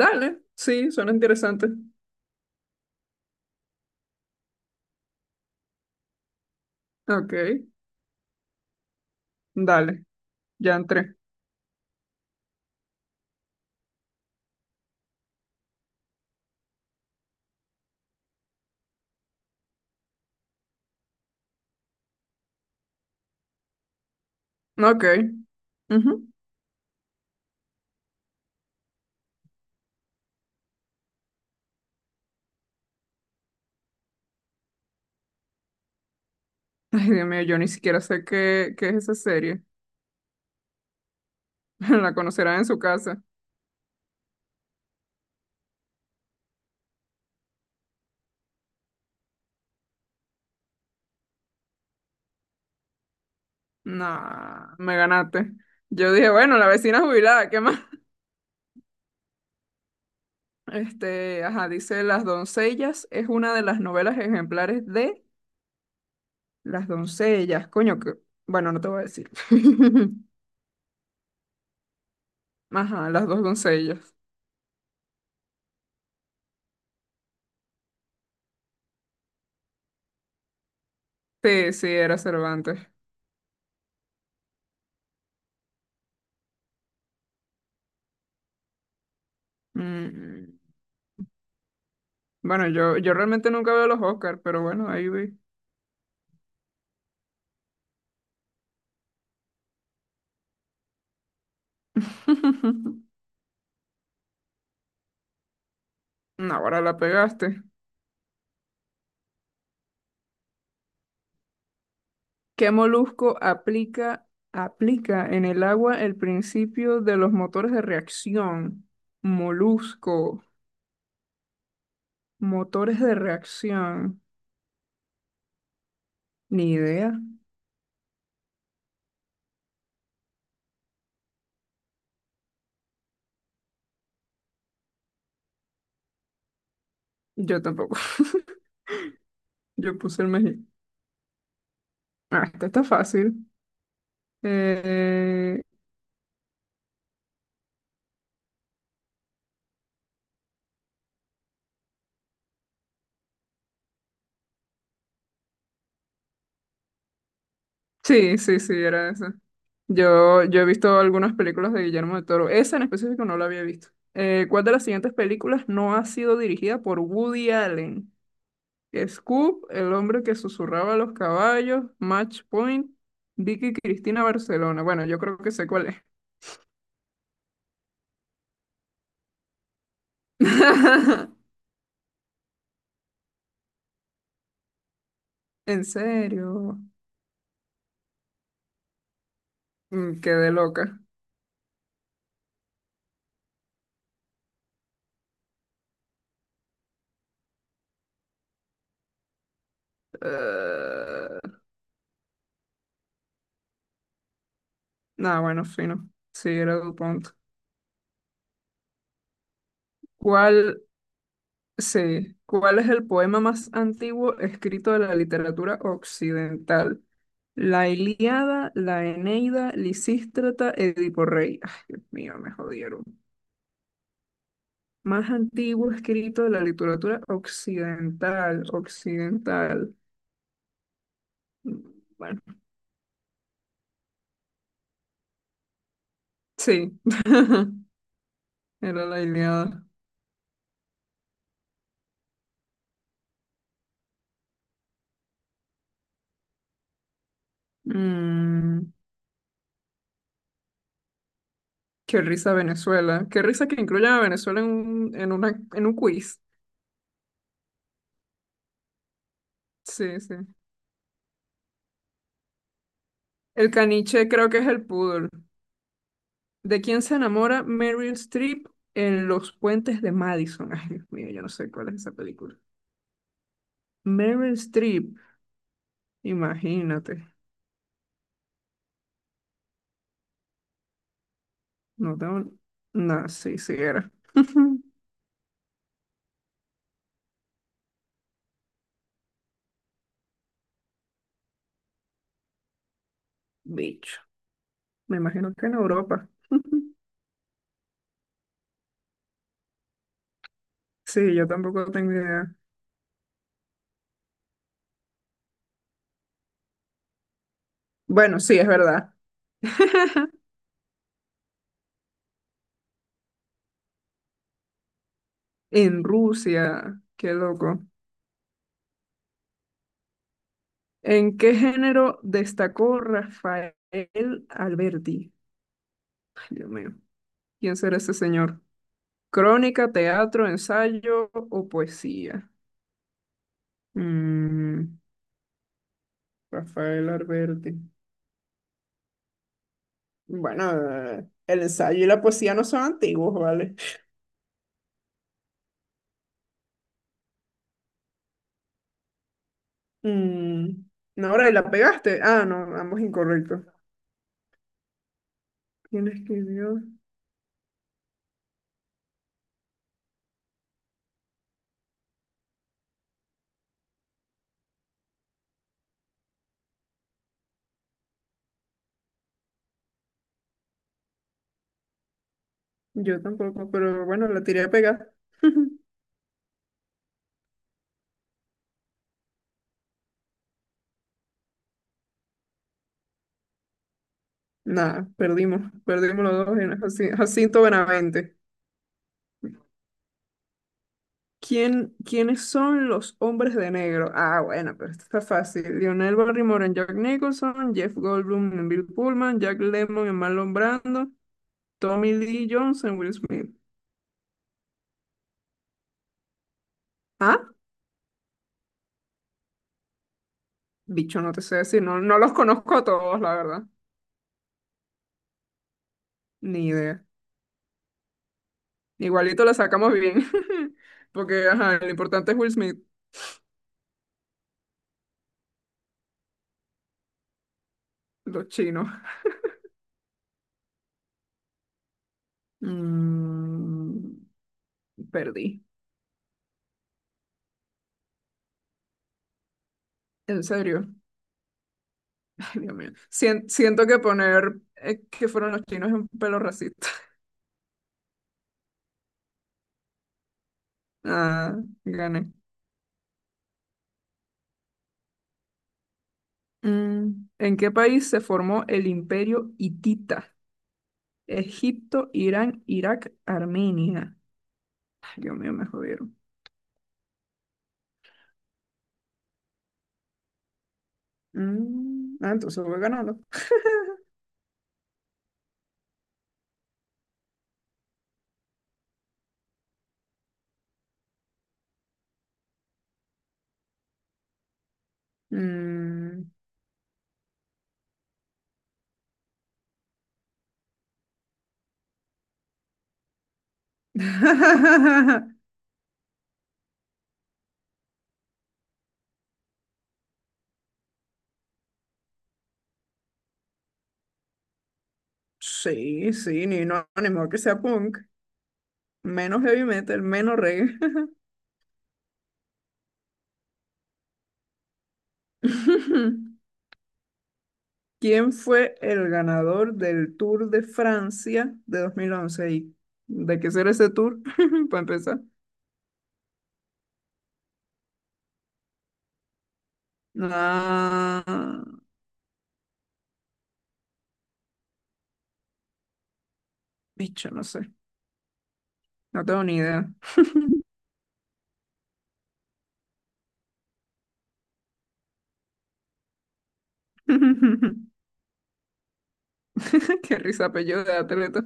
Dale, sí, suena interesante. Ok, dale, ya entré. Ok. Ujú. Ay, Dios mío, yo ni siquiera sé qué es esa serie. La conocerán en su casa. Nah, me ganaste. Yo dije, bueno, la vecina jubilada, ¿qué más? Este, ajá, dice Las doncellas es una de las novelas ejemplares de Las doncellas. Coño, que... Bueno, no te voy a decir. Ajá, Las dos doncellas. Sí, sí, era Cervantes. Mm. Bueno, yo realmente nunca veo los Oscars, pero bueno, ahí vi. No, ahora la pegaste. ¿Qué molusco aplica en el agua el principio de los motores de reacción? Molusco, motores de reacción. Ni idea. Yo tampoco. Yo puse el mejillón. Ah, esta está fácil. Eh, Sí, sí, sí, era esa. Yo he visto algunas películas de Guillermo del Toro. Esa en específico no la había visto. ¿Cuál de las siguientes películas no ha sido dirigida por Woody Allen? Scoop, El hombre que susurraba a los caballos, Match Point, Vicky Cristina Barcelona. Bueno, yo creo que sé cuál es. En serio. Mm, quedé loca. Eh, Nada, bueno, fino. Sí, era DuPont. ¿Cuál? Sí. ¿Cuál es el poema más antiguo escrito de la literatura occidental? La Ilíada, la Eneida, Lisístrata, Edipo Rey. Ay, Dios mío, me jodieron. Más antiguo escrito de la literatura occidental. Mm, bueno, sí, era la Ilíada. Mm, qué risa Venezuela. Qué risa que incluyan a Venezuela en un quiz. Sí, sí. El caniche creo que es el pudor. ¿De quién se enamora Meryl Streep en Los Puentes de Madison? Ay, Dios mío, yo no sé cuál es esa película. Meryl Streep, imagínate. No tengo. No, sí, sí era. Bicho. Me imagino que en Europa. Sí, yo tampoco tengo idea. Bueno, sí, es verdad. En Rusia, qué loco. ¿En qué género destacó Rafael Alberti? Ay, Dios mío. ¿Quién será ese señor? Crónica, teatro, ensayo o poesía. Mm, Rafael Alberti. Bueno, el ensayo y la poesía no son antiguos, ¿vale? Mm, no, ahora la pegaste. Ah, no, ambos incorrectos. ¿Quién escribió? Yo tampoco, pero bueno, la tiré a pegar. Nada, perdimos los dos en Jaci- Jacinto Benavente. ¿Quiénes son los hombres de negro? Ah, bueno, pero esto está fácil. Lionel Barrymore en Jack Nicholson, Jeff Goldblum en Bill Pullman, Jack Lemmon en Marlon Brando, Tommy Lee Jones en Will Smith. Ah, bicho, no te sé decir, no, no los conozco a todos, la verdad. Ni idea. Igualito la sacamos bien. Porque, ajá, lo importante es Will Smith, los chinos. Mm, perdí. En serio. Ay, Dios mío. Sien- siento que poner que fueron los chinos es un pelo racista. Ah, gané. Mm, ¿en qué país se formó el Imperio Hitita? Egipto, Irán, Irak, Armenia. Ay, Dios mío, me jodieron. Mm, ah, entonces voy ganando. Mm. Sí, sí, ni no, ni modo que sea punk. Menos heavy metal, menos reggae. ¿Quién fue el ganador del Tour de Francia de 2011? ¿Y de qué será ese tour? Para empezar. Ah, bicho, no sé. No tengo ni idea. Qué risa apellido de atleta.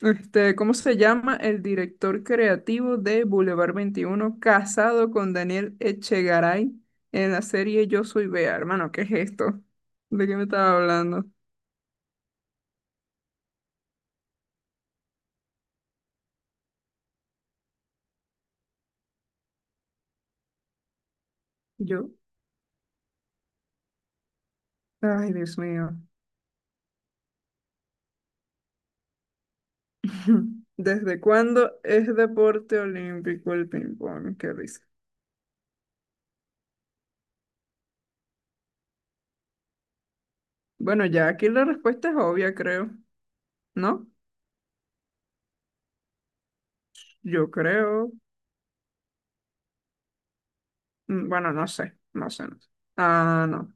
Este, ¿cómo se llama el director creativo de Boulevard 21, casado con Daniel Echegaray en la serie Yo Soy Bea? Hermano, ¿qué es esto? ¿De qué me estaba hablando? Yo. Ay, Dios mío. ¿Desde cuándo es deporte olímpico el ping-pong? Qué risa. Bueno, ya aquí la respuesta es obvia, creo, ¿no? Yo creo, mm, bueno, no sé. Ah, no.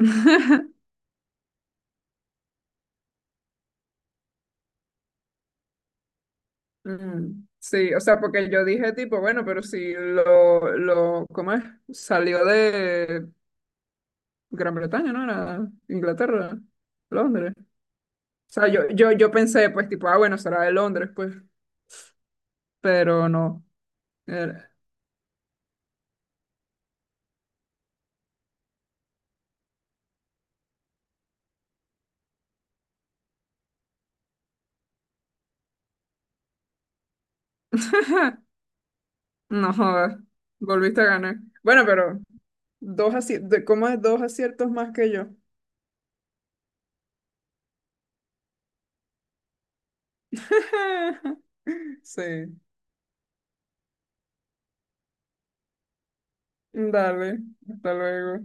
Mm, sí, o sea, porque yo dije tipo, bueno, pero si lo, ¿cómo es? Salió de Gran Bretaña, ¿no? Era Inglaterra, Londres. O sea, yo pensé, pues, tipo, ah, bueno, será de Londres, pues, pero no. Era- No jodas, volviste a ganar. Bueno, pero dos aci- de- ¿cómo es? Dos aciertos más que yo. Sí. Dale, hasta luego.